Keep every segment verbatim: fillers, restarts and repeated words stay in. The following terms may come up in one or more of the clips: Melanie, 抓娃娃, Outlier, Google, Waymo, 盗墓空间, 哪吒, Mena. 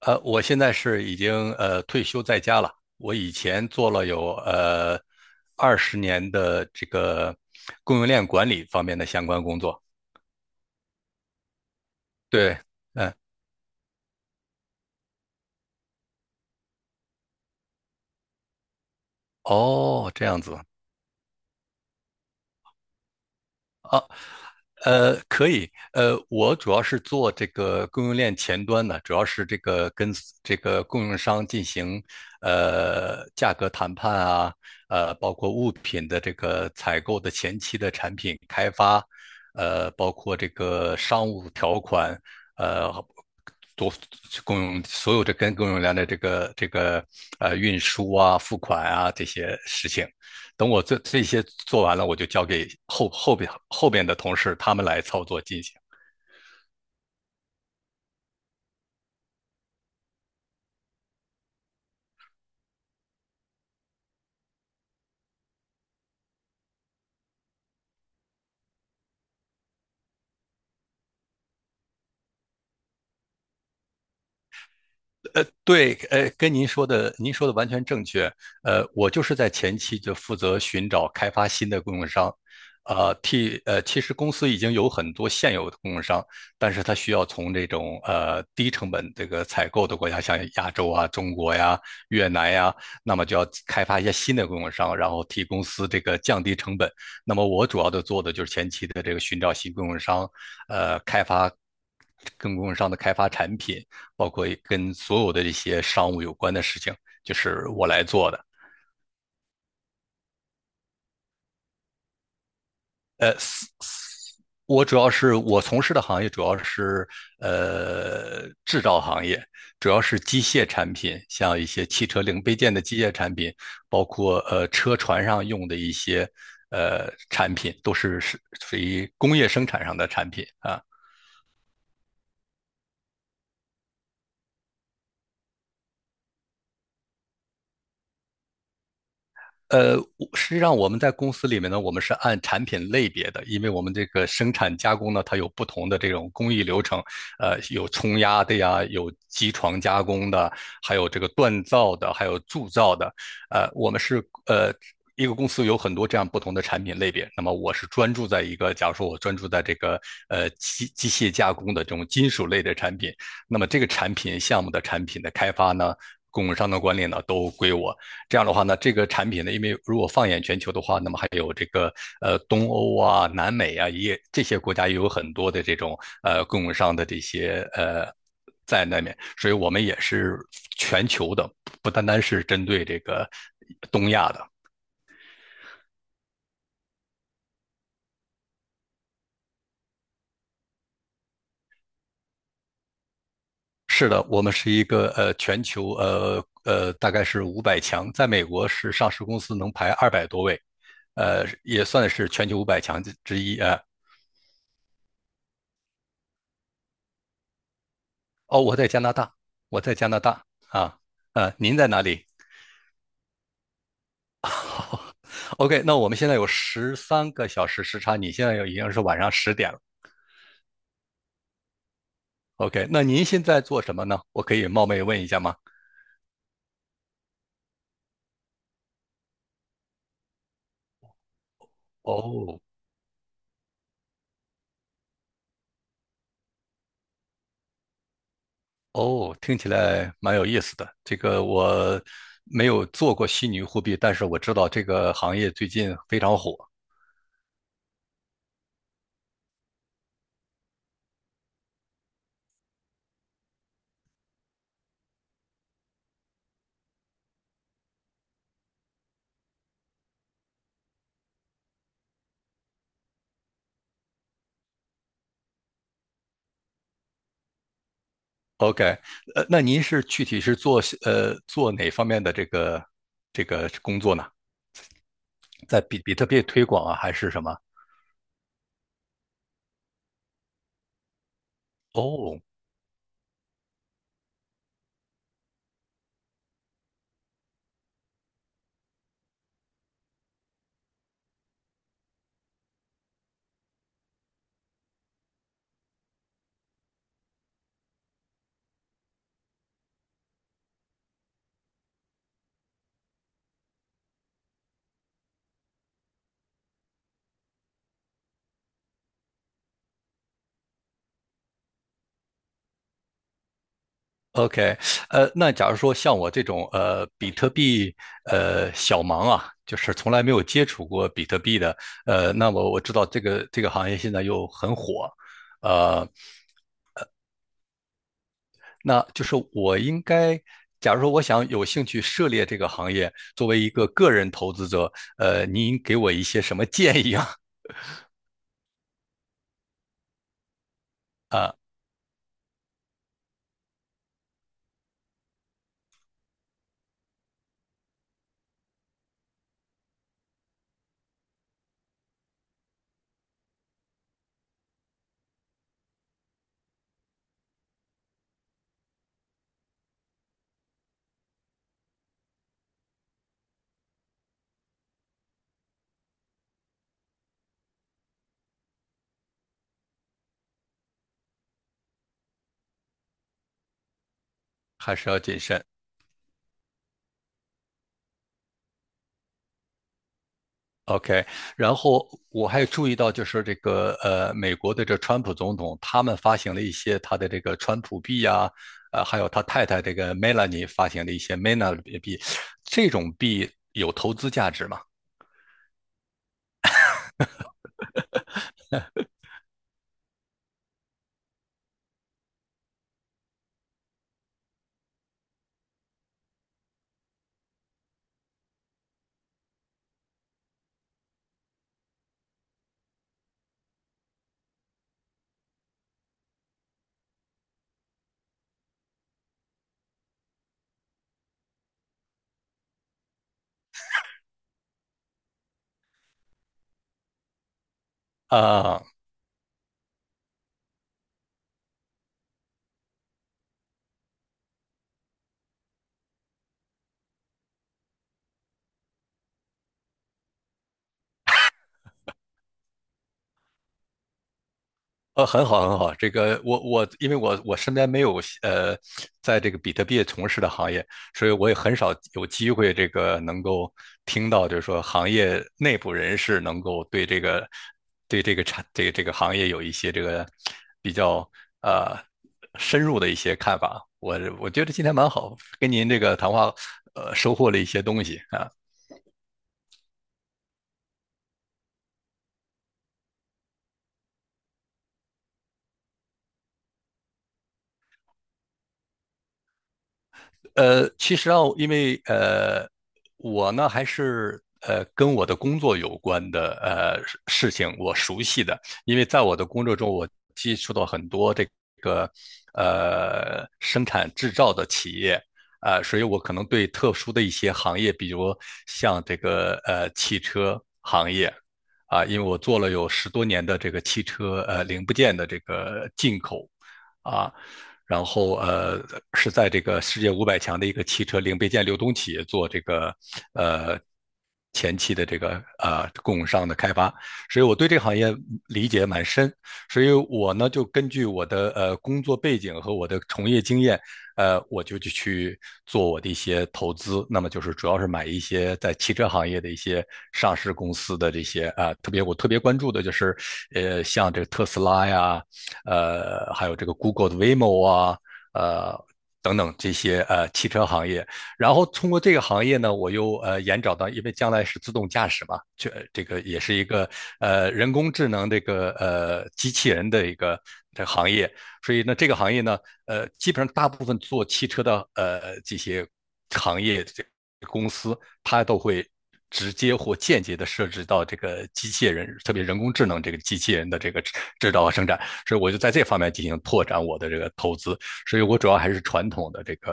呃，我现在是已经呃退休在家了。我以前做了有呃二十年的这个供应链管理方面的相关工作。对。嗯。哦，这样子。呃，可以。呃，我主要是做这个供应链前端的，主要是这个跟 s- 这个供应商进行呃价格谈判啊，呃，包括物品的这个采购的前期的产品开发，呃，包括这个商务条款，呃，多供应所有的跟供应链的这个这个呃运输啊、付款啊这些事情。等我这这些做完了，我就交给后后边后边的同事他们来操作进行。对，呃，跟您说的，您说的完全正确。呃，我就是在前期就负责寻找开发新的供应商，呃，替呃，其实公司已经有很多现有的供应商，但是它需要从这种呃低成本这个采购的国家，像亚洲啊、中国呀、越南呀，那么就要开发一些新的供应商，然后替公司这个降低成本。那么我主要的做的就是前期的这个寻找新供应商，呃，开发跟供应商的开发产品。包括跟所有的一些商务有关的事情，就是我来做的。呃，我主要是我从事的行业主要是呃制造行业，主要是机械产品，像一些汽车零配件的机械产品，包括呃车船上用的一些呃产品，都是是属于工业生产上的产品啊。呃，实际上我们在公司里面呢，我们是按产品类别的，因为我们这个生产加工呢，它有不同的这种工艺流程，呃，有冲压的呀，有机床加工的，还有这个锻造的，还有铸造的。呃，我们是呃。一个公司有很多这样不同的产品类别，那么我是专注在一个，假如说我专注在这个呃机机械加工的这种金属类的产品，那么这个产品项目的产品的开发呢，供应商的管理呢，都归我。这样的话呢，这个产品呢，因为如果放眼全球的话，那么还有这个呃东欧啊、南美啊，也这些国家也有很多的这种呃供应商的这些呃。在那面，所以我们也是全球的，不单单是针对这个东亚的。是的，我们是一个呃全球呃呃大概是五百强，在美国是上市公司能排二百多位，呃也算是全球五百强之之一啊。哦，我在加拿大，我在加拿大啊。呃，您在哪里 ？OK,那我们现在有十三个小时时差，你现在有已经是晚上十点了。OK,那您现在做什么呢？我可以冒昧问一下吗？哦。哦，听起来蛮有意思的。这个我没有做过虚拟货币，但是我知道这个行业最近非常火。OK,呃，那您是具体是做呃做哪方面的这个这个工作呢？在比比特币推广啊，还是什么？哦，OK,呃，那假如说像我这种呃比特币呃小盲啊，就是从来没有接触过比特币的，呃，那么我知道这个这个行业现在又很火，呃，那就是我应该，假如说我想有兴趣涉猎这个行业，作为一个个人投资者，呃，您给我一些什么建议啊？还是要谨慎。OK,然后我还注意到，就是这个呃，美国的这川普总统，他们发行了一些他的这个川普币啊，呃，还有他太太这个 Melanie 发行的一些 Mena 币，这种币有投资价值吗？啊、呃，很好，很好。这个我我，因为我我身边没有呃，在这个比特币从事的行业，所以我也很少有机会这个能够听到，就是说行业内部人士能够对这个对这个产这个这个行业有一些这个比较呃深入的一些看法。我我觉得今天蛮好，跟您这个谈话呃收获了一些东西啊。呃，其实啊，因为呃，我呢还是呃跟我的工作有关的呃事事情我熟悉的，因为在我的工作中，我接触到很多这个呃生产制造的企业。呃，所以我可能对特殊的一些行业，比如像这个呃汽车行业啊、因为我做了有十多年的这个汽车呃零部件的这个进口啊，然后呃是在这个世界五百强的一个汽车零配件流通企业做这个呃前期的这个呃供应商的开发，所以我对这个行业理解蛮深，所以我呢就根据我的呃工作背景和我的从业经验，呃我就去去做我的一些投资，那么就是主要是买一些在汽车行业的一些上市公司的这些啊、呃特别我特别关注的就是呃像这个特斯拉呀。呃，还有这个 Google 的 Waymo 啊。呃。等等这些呃汽车行业，然后通过这个行业呢，我又呃延找到，因为将来是自动驾驶嘛，这这个也是一个呃人工智能这个呃机器人的一个这个行业，所以呢这个行业呢，呃基本上大部分做汽车的呃这些行业这公司，它都会直接或间接的涉及到这个机器人，特别人工智能这个机器人的这个制造和生产。所以我就在这方面进行拓展我的这个投资。所以我主要还是传统的这个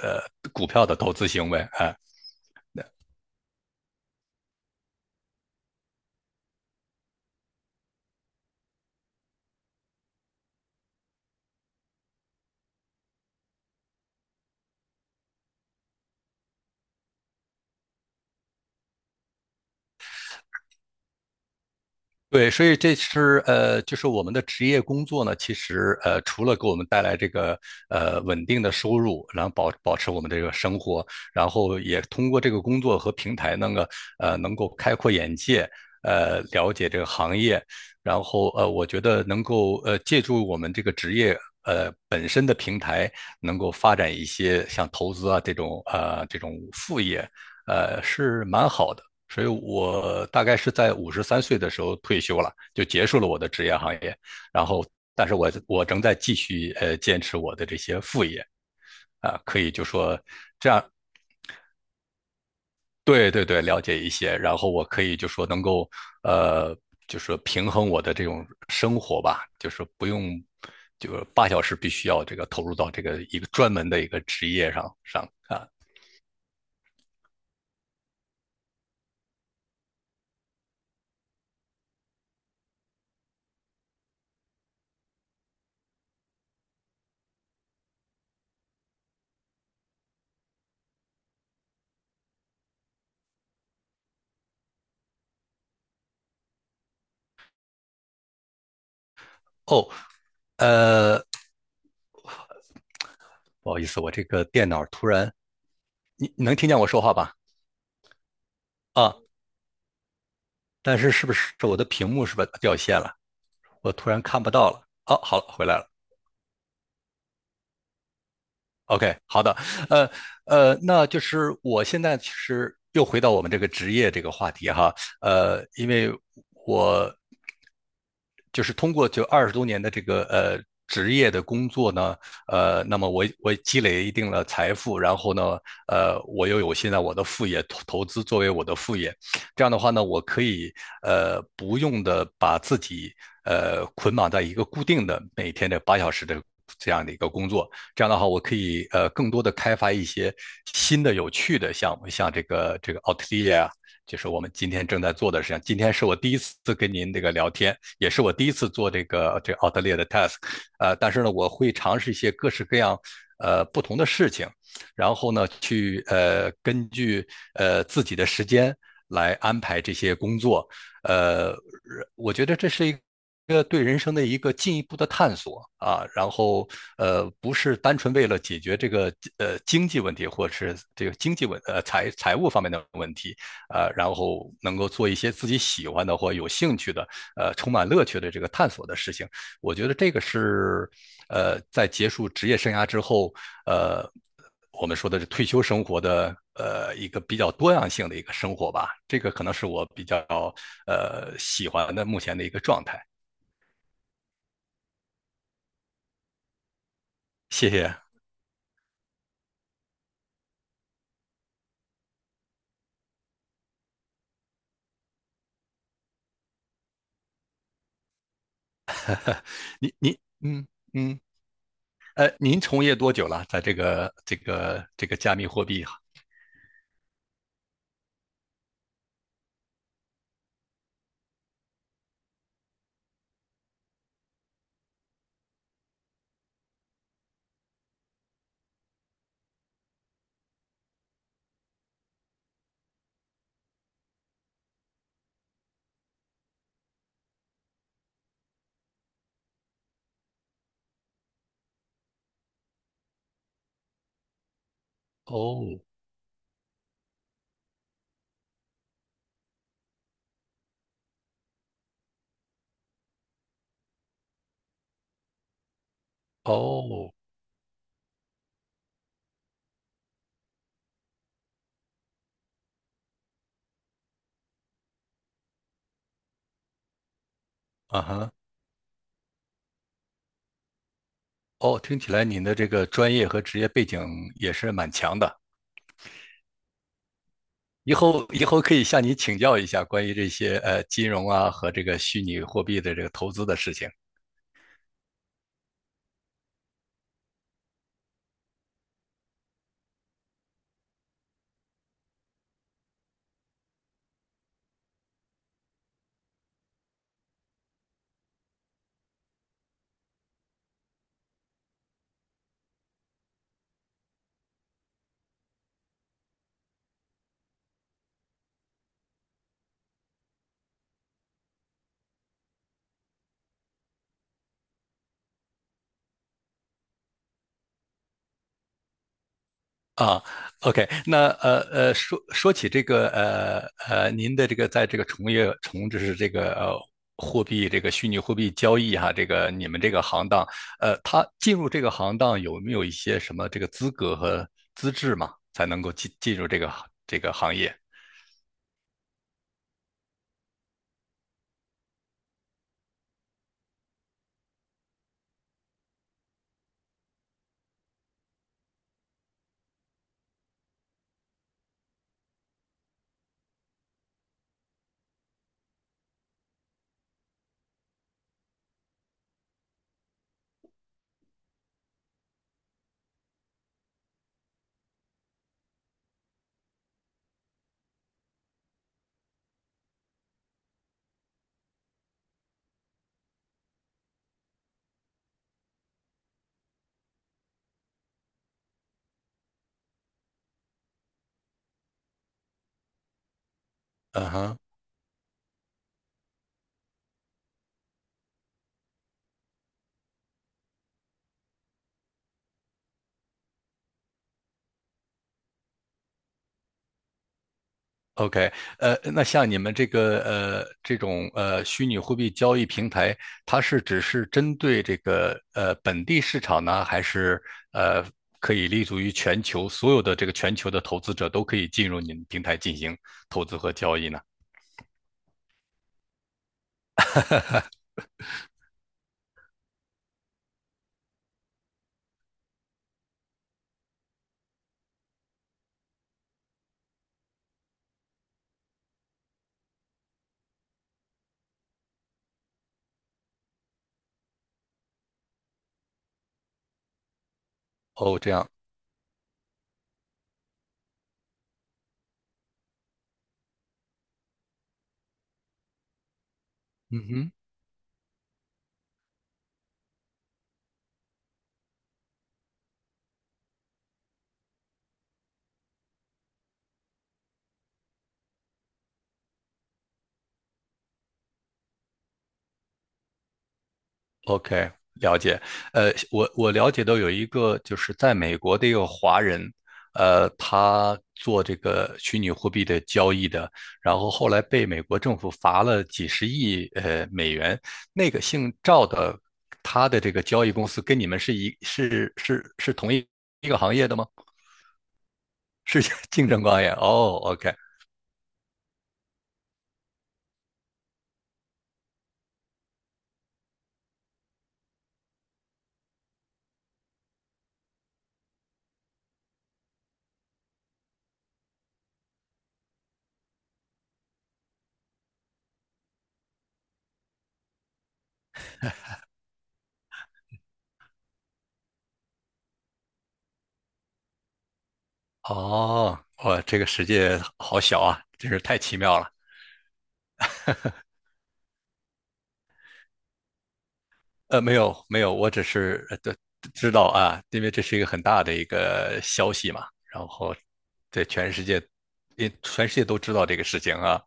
呃股票的投资行为啊。对，所以这是呃，就是我们的职业工作呢，其实呃，除了给我们带来这个呃稳定的收入，然后保保持我们这个生活，然后也通过这个工作和平台那个呃能够开阔眼界，呃了解这个行业，然后呃，我觉得能够呃借助我们这个职业呃本身的平台，能够发展一些像投资啊这种呃这种副业，呃是蛮好的。所以我大概是在五十三岁的时候退休了，就结束了我的职业行业。然后，但是我我仍在继续呃坚持我的这些副业。啊，可以就说这样，对对对，了解一些。然后我可以就说能够呃，就是平衡我的这种生活吧，就是不用就是八小时必须要这个投入到这个一个专门的一个职业上上啊。哦，呃，不好意思，我这个电脑突然，你你能听见我说话吧？啊，但是是不是我的屏幕是不是掉线了？我突然看不到了。哦，好了，回来了。OK,好的。呃呃，那就是我现在其实又回到我们这个职业这个话题哈，呃，因为我就是通过就二十多年的这个呃职业的工作呢，呃，那么我我积累一定的财富，然后呢，呃，我又有现在我的副业投投资作为我的副业，这样的话呢，我可以呃不用的把自己呃捆绑在一个固定的每天的八小时的。这样的一个工作，这样的话，我可以呃更多的开发一些新的有趣的项目，像这个这个奥特利啊，就是我们今天正在做的事情。今天是我第一次跟您这个聊天，也是我第一次做这个这个奥特列的 task。呃，但是呢，我会尝试一些各式各样呃不同的事情，然后呢，去呃根据呃自己的时间来安排这些工作。呃，我觉得这是一个，这个对人生的一个进一步的探索啊。然后呃，不是单纯为了解决这个呃经济问题，或者是这个经济问呃财财务方面的问题。呃，然后能够做一些自己喜欢的或有兴趣的，呃，充满乐趣的这个探索的事情。我觉得这个是，呃，在结束职业生涯之后，呃，我们说的是退休生活的，呃，一个比较多样性的一个生活吧。这个可能是我比较呃喜欢的目前的一个状态。谢谢您。您，嗯嗯，呃，您从业多久了？在这个这个这个加密货币？哦哦。啊哈。哦，听起来您的这个专业和职业背景也是蛮强的。以后以后可以向你请教一下关于这些呃金融啊和这个虚拟货币的这个投资的事情啊。OK，那呃呃说说起这个呃呃您的这个在这个从业从就是这个呃货币这个虚拟货币交易哈、这个你们这个行当。呃，他进入这个行当有没有一些什么这个资格和资质嘛，才能够进进入这个这个行业？嗯哼。OK。呃，那像你们这个呃这种呃虚拟货币交易平台，它是只是针对这个呃本地市场呢，还是呃可以立足于全球所有的这个全球的投资者都可以进入你们平台进行投资和交易呢？哦，这样。嗯哼。OK，了解。呃，我我了解到有一个就是在美国的一个华人。呃，他做这个虚拟货币的交易的，然后后来被美国政府罚了几十亿呃美元。那个姓赵的，他的这个交易公司跟你们是一是是是同一一个行业的吗？是 竞争关系？哦，OK。哦，哇，这个世界好小啊，真是太奇妙了。呃，没有没有，我只是呃对。知道啊，因为这是一个很大的一个消息嘛，然后在全世界，也全世界都知道这个事情啊。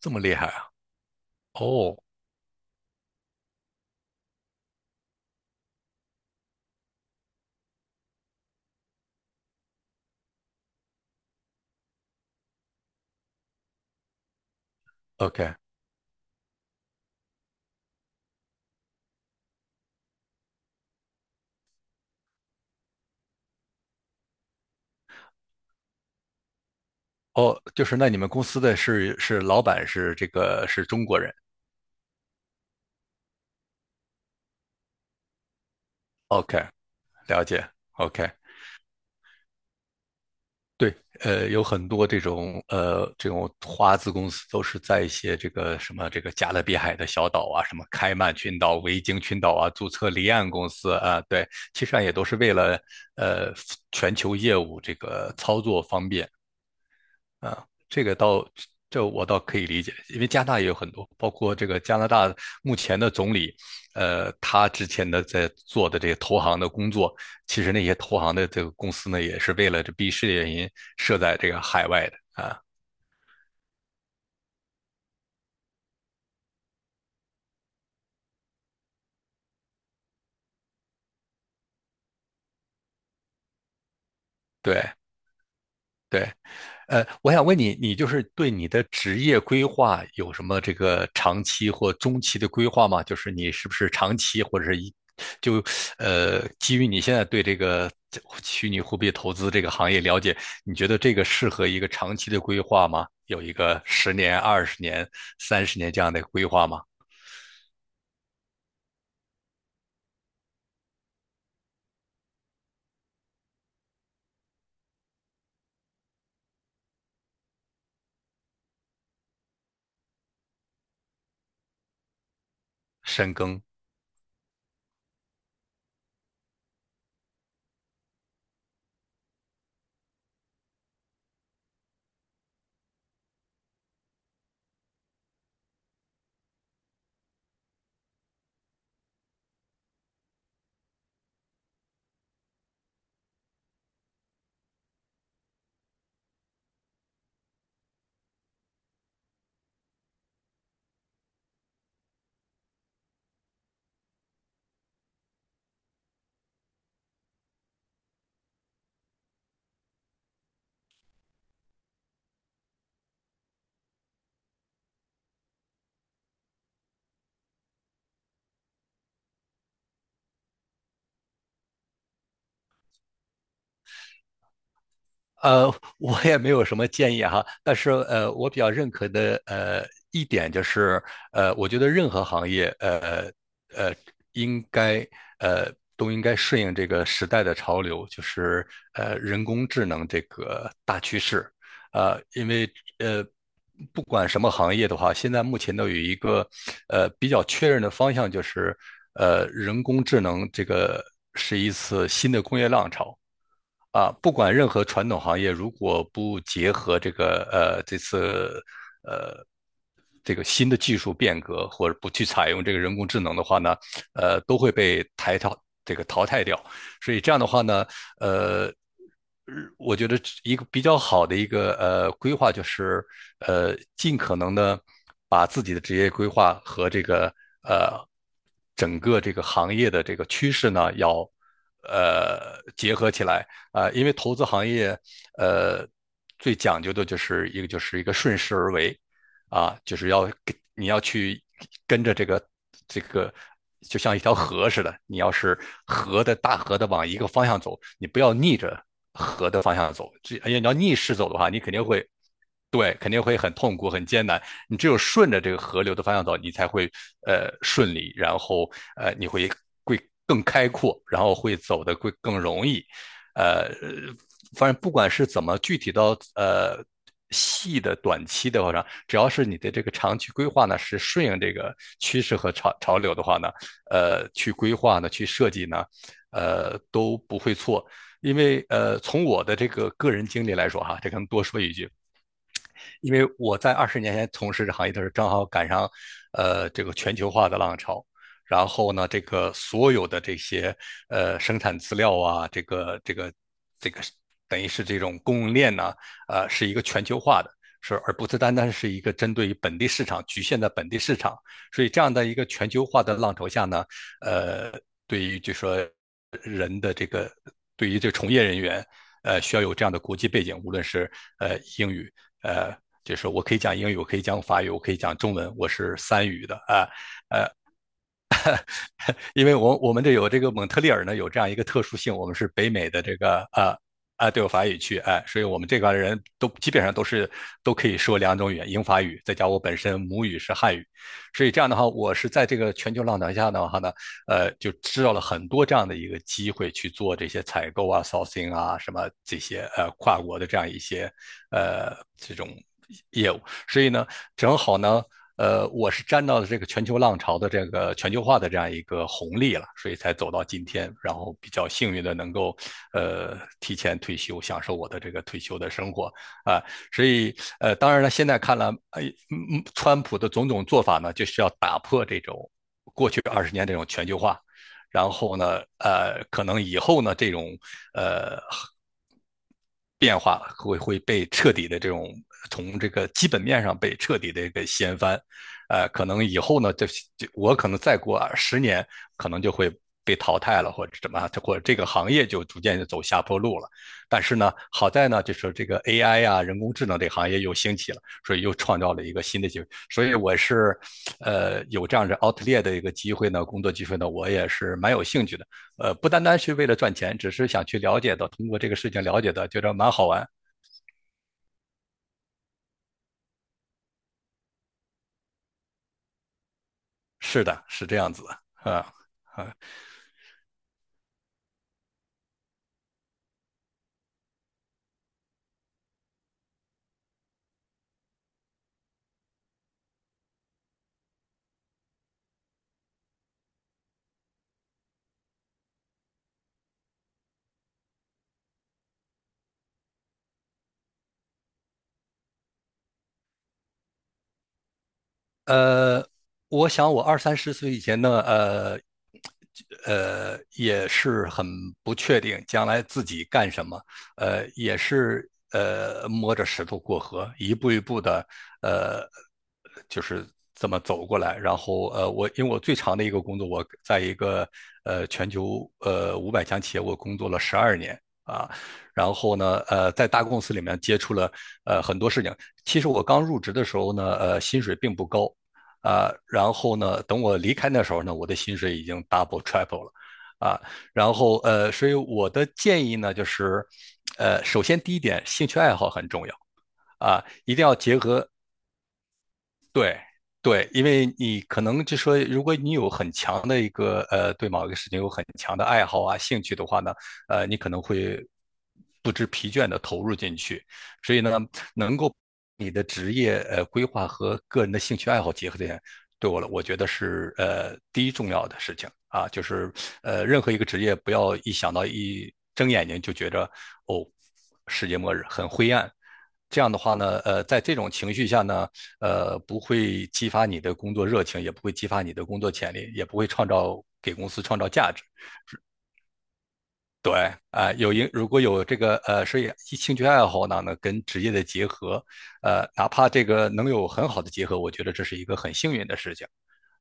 这么厉害啊！哦，OK。哦，就是那你们公司的是是老板是这个是中国人。OK，了解。OK。对。呃，有很多这种呃这种华资公司都是在一些这个什么这个加勒比海的小岛啊，什么开曼群岛、维京群岛啊，注册离岸公司啊。对，其实上也都是为了呃全球业务这个操作方便。这个倒这我倒可以理解，因为加拿大也有很多，包括这个加拿大目前的总理，呃，他之前的在做的这个投行的工作，其实那些投行的这个公司呢，也是为了这避税原因设在这个海外的。对对。呃，我想问你，你就是对你的职业规划有什么这个长期或中期的规划吗？就是你是不是长期或者是一就呃，基于你现在对这个虚拟货币投资这个行业了解，你觉得这个适合一个长期的规划吗？有一个十年、二十年、三十年这样的规划吗？深耕。呃，我也没有什么建议哈。但是呃，我比较认可的呃一点就是，呃，我觉得任何行业，呃呃，应该呃都应该顺应这个时代的潮流，就是呃人工智能这个大趋势。呃，因为呃不管什么行业的话，现在目前都有一个呃比较确认的方向，就是呃人工智能这个啊，不管任何传统行业，如果不结合这个呃这次这个新的技术变革，或者不去采用这个人工智能的话呢，呃，都会被抬到这个淘汰掉。所以这样的话呢，呃，我觉得一个比较好的一个呃规划就是，呃，尽可能的把自己的职业规划和这个呃整个这个行业的这个趋势呢，要呃结合起来。啊、呃因为投资行业呃最讲究的就是一个就是一个顺势而为。啊，就是要跟你要去跟着这个这个，就像一条河似的，你要是河的大河的往一个方向走，你不要逆着河的方向走。这哎呀，你要逆势走的话，你肯定会。对，肯定会很痛苦、很艰难。你只有顺着这个河流的方向走，你才会呃顺利。然后呃你会会更开阔，然后会走得会更容易。呃，反正不管是怎么具体到呃细的短期的话呢，只要是你的这个长期规划呢是顺应这个趋势和潮潮流的话呢，呃，去规划呢，去设计呢，呃，都不会错。因为呃，从我的这个个人经历来说哈，这可能多说一句，因为我在二十年前从事这行业的时候，正好赶上呃这个全球化的浪潮。然后呢，这个所有的这些呃生产资料啊，这个这个这个等于是这种供应链呢，呃，是一个全球化的，是而不是单单是一个针对于本地市场，局限在本地市场。所以这样的一个全球化的浪潮下呢，呃，对于就说对于这个从业人员，呃，需要有这样的国际背景，无论是呃英语，呃，就是我可以讲英语，我可以讲法语，我可以讲中文，我是三语的。啊、呃因为我我们这有这个蒙特利尔呢有这样一个特殊性。我们是北美的这个呃啊，对，法语区哎、啊所以我们这块人都基本上都是都可以说两种语言，英法语，再加我本身母语是汉语。所以这样的话，我是在这个全球浪潮下的话呢，呃，就知道了很多这样的一个机会去做这些采购啊、sourcing 啊什么这些呃跨国的这样一些呃这种业务。所以呢，正好呢，呃，我是沾到了这个全球浪潮的这个全球化的这样一个红利了，所以才走到今天，然后比较幸运的能够呃提前退休，享受我的这个退休的生活啊、呃。所以呃，当然了，现在看来，哎，嗯川普的种种做法呢，就是要打破这种过去二十年这种全球化。然后呢，呃，可能以后呢，这种呃变化会会被彻底的这种从这个基本面上被彻底的给掀翻。呃，可能以后呢，这这我可能再过十年，可能就会被淘汰了，或者怎么，或者这个行业就逐渐就走下坡路了。但是呢，好在呢，就是这个 A I 啊，人工智能这个行业又兴起了，所以又创造了一个新的机会。所以我是，呃，有这样子 o u t l 的一个机会呢，工作机会呢，我也是蛮有兴趣的。呃，不单单是为了赚钱，只是想去了解到，通过这个事情了解的，觉得蛮好玩。是的，是这样子的啊啊。呃，我想我二三十岁以前呢，呃，呃也是很不确定将来自己干什么，呃也是呃摸着石头过河，一步一步的呃就是这么走过来。然后呃我因为我最长的一个工作，我在一个呃全球呃五百强企业我工作了十二年。啊，然后呢，呃，在大公司里面接触了呃很多事情。其实我刚入职的时候呢，呃，薪水并不高，啊，然后呢，等我离开那时候呢，我的薪水已经 double triple 了。啊，然后呃，所以我的建议呢，就是呃，首先第一点，兴趣爱好很重要。啊，一定要结合。对，对，因为你可能就说，如果你有很强的一个呃，对某一个事情有很强的爱好啊、兴趣的话呢，呃，你可能会不知疲倦的投入进去。所以呢，能够你的职业呃规划和个人的兴趣爱好结合起来，对我了，我觉得是呃第一重要的事情啊，就是呃任何一个职业，不要一想到一睁眼睛就觉着哦，世界末日很灰暗。这样的话呢，呃，在这种情绪下呢，呃，不会激发你的工作热情，也不会激发你的工作潜力，也不会创造给公司创造价值。对，啊、呃有一如果有这个呃，所以兴趣爱好呢，呢跟职业的结合，呃，哪怕这个能有很好的结合，我觉得这是一个很幸运的事情，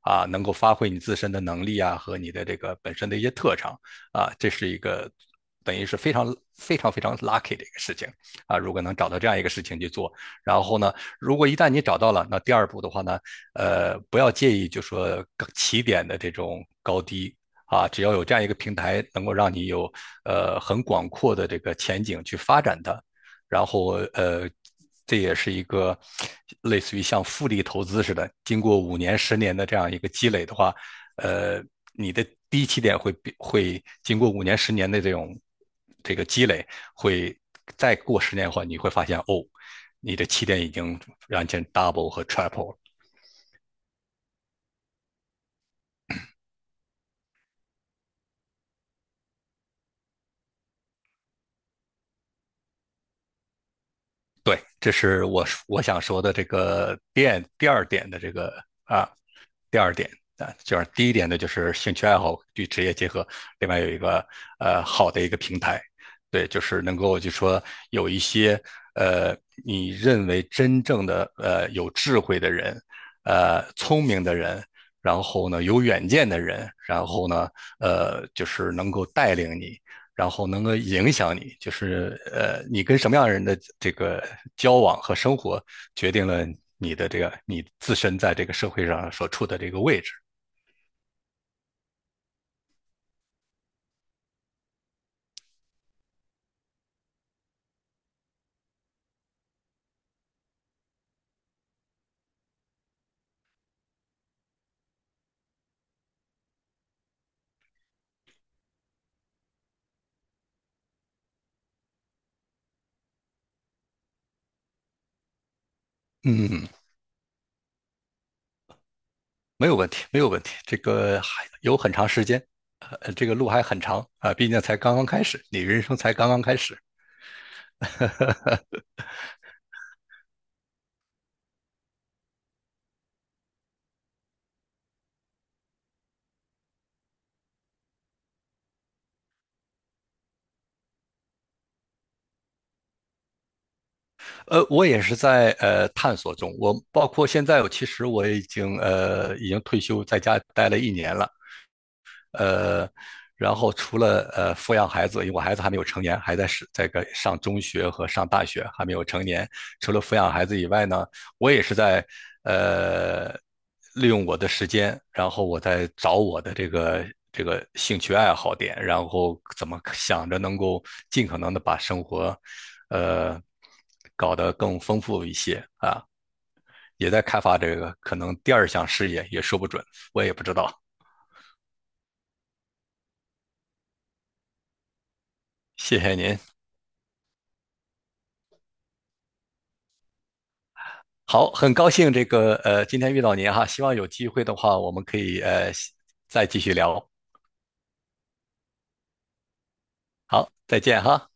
啊，能够发挥你自身的能力啊和你的这个本身的一些特长啊，这是一个等于是非常非常非常 lucky 的一个事情啊。如果能找到这样一个事情去做，然后呢，如果一旦你找到了，那第二步的话呢，呃，不要介意就说起点的这种高低啊，只要有这样一个平台，能够让你有呃很广阔的这个前景去发展它，然后呃，这也是一个类似于像复利投资似的，经过五年、十年的这样一个积累的话，呃，你的低起点会会经过五年、十年的这种这个积累，会再过十年的话，你会发现哦，你的起点已经完全 double 和 triple 了。对，这是我我想说的这个点第二点的这个啊，第二点啊，就是第一点呢，就是兴趣爱好与职业结合，另外有一个呃好的一个平台，对，就是能够就说有一些呃你认为真正的呃有智慧的人，呃聪明的人。然后呢，有远见的人，然后呢，呃，就是能够带领你，然后能够影响你，就是呃，你跟什么样的人的这个交往和生活，决定了你的这个你自身在这个社会上所处的这个位置。嗯，没有问题，没有问题。这个还有很长时间，呃，这个路还很长啊、呃毕竟才刚刚开始，你人生才刚刚开始。呃，我也是在呃探索中，我包括现在，我其实我已经呃已经退休，在家待了一年了。呃，然后除了呃抚养孩子，因为我孩子还没有成年，还在是这个上中学和上大学，还没有成年。除了抚养孩子以外呢，我也是在呃利用我的时间，然后我在找我的这个这个兴趣爱好点，然后怎么想着能够尽可能的把生活，呃，搞得更丰富一些啊，也在开发这个可能第二项事业，也说不准，我也不知道。谢谢您。好，很高兴这个呃，今天遇到您哈，希望有机会的话，我们可以呃再继续聊。好，再见哈。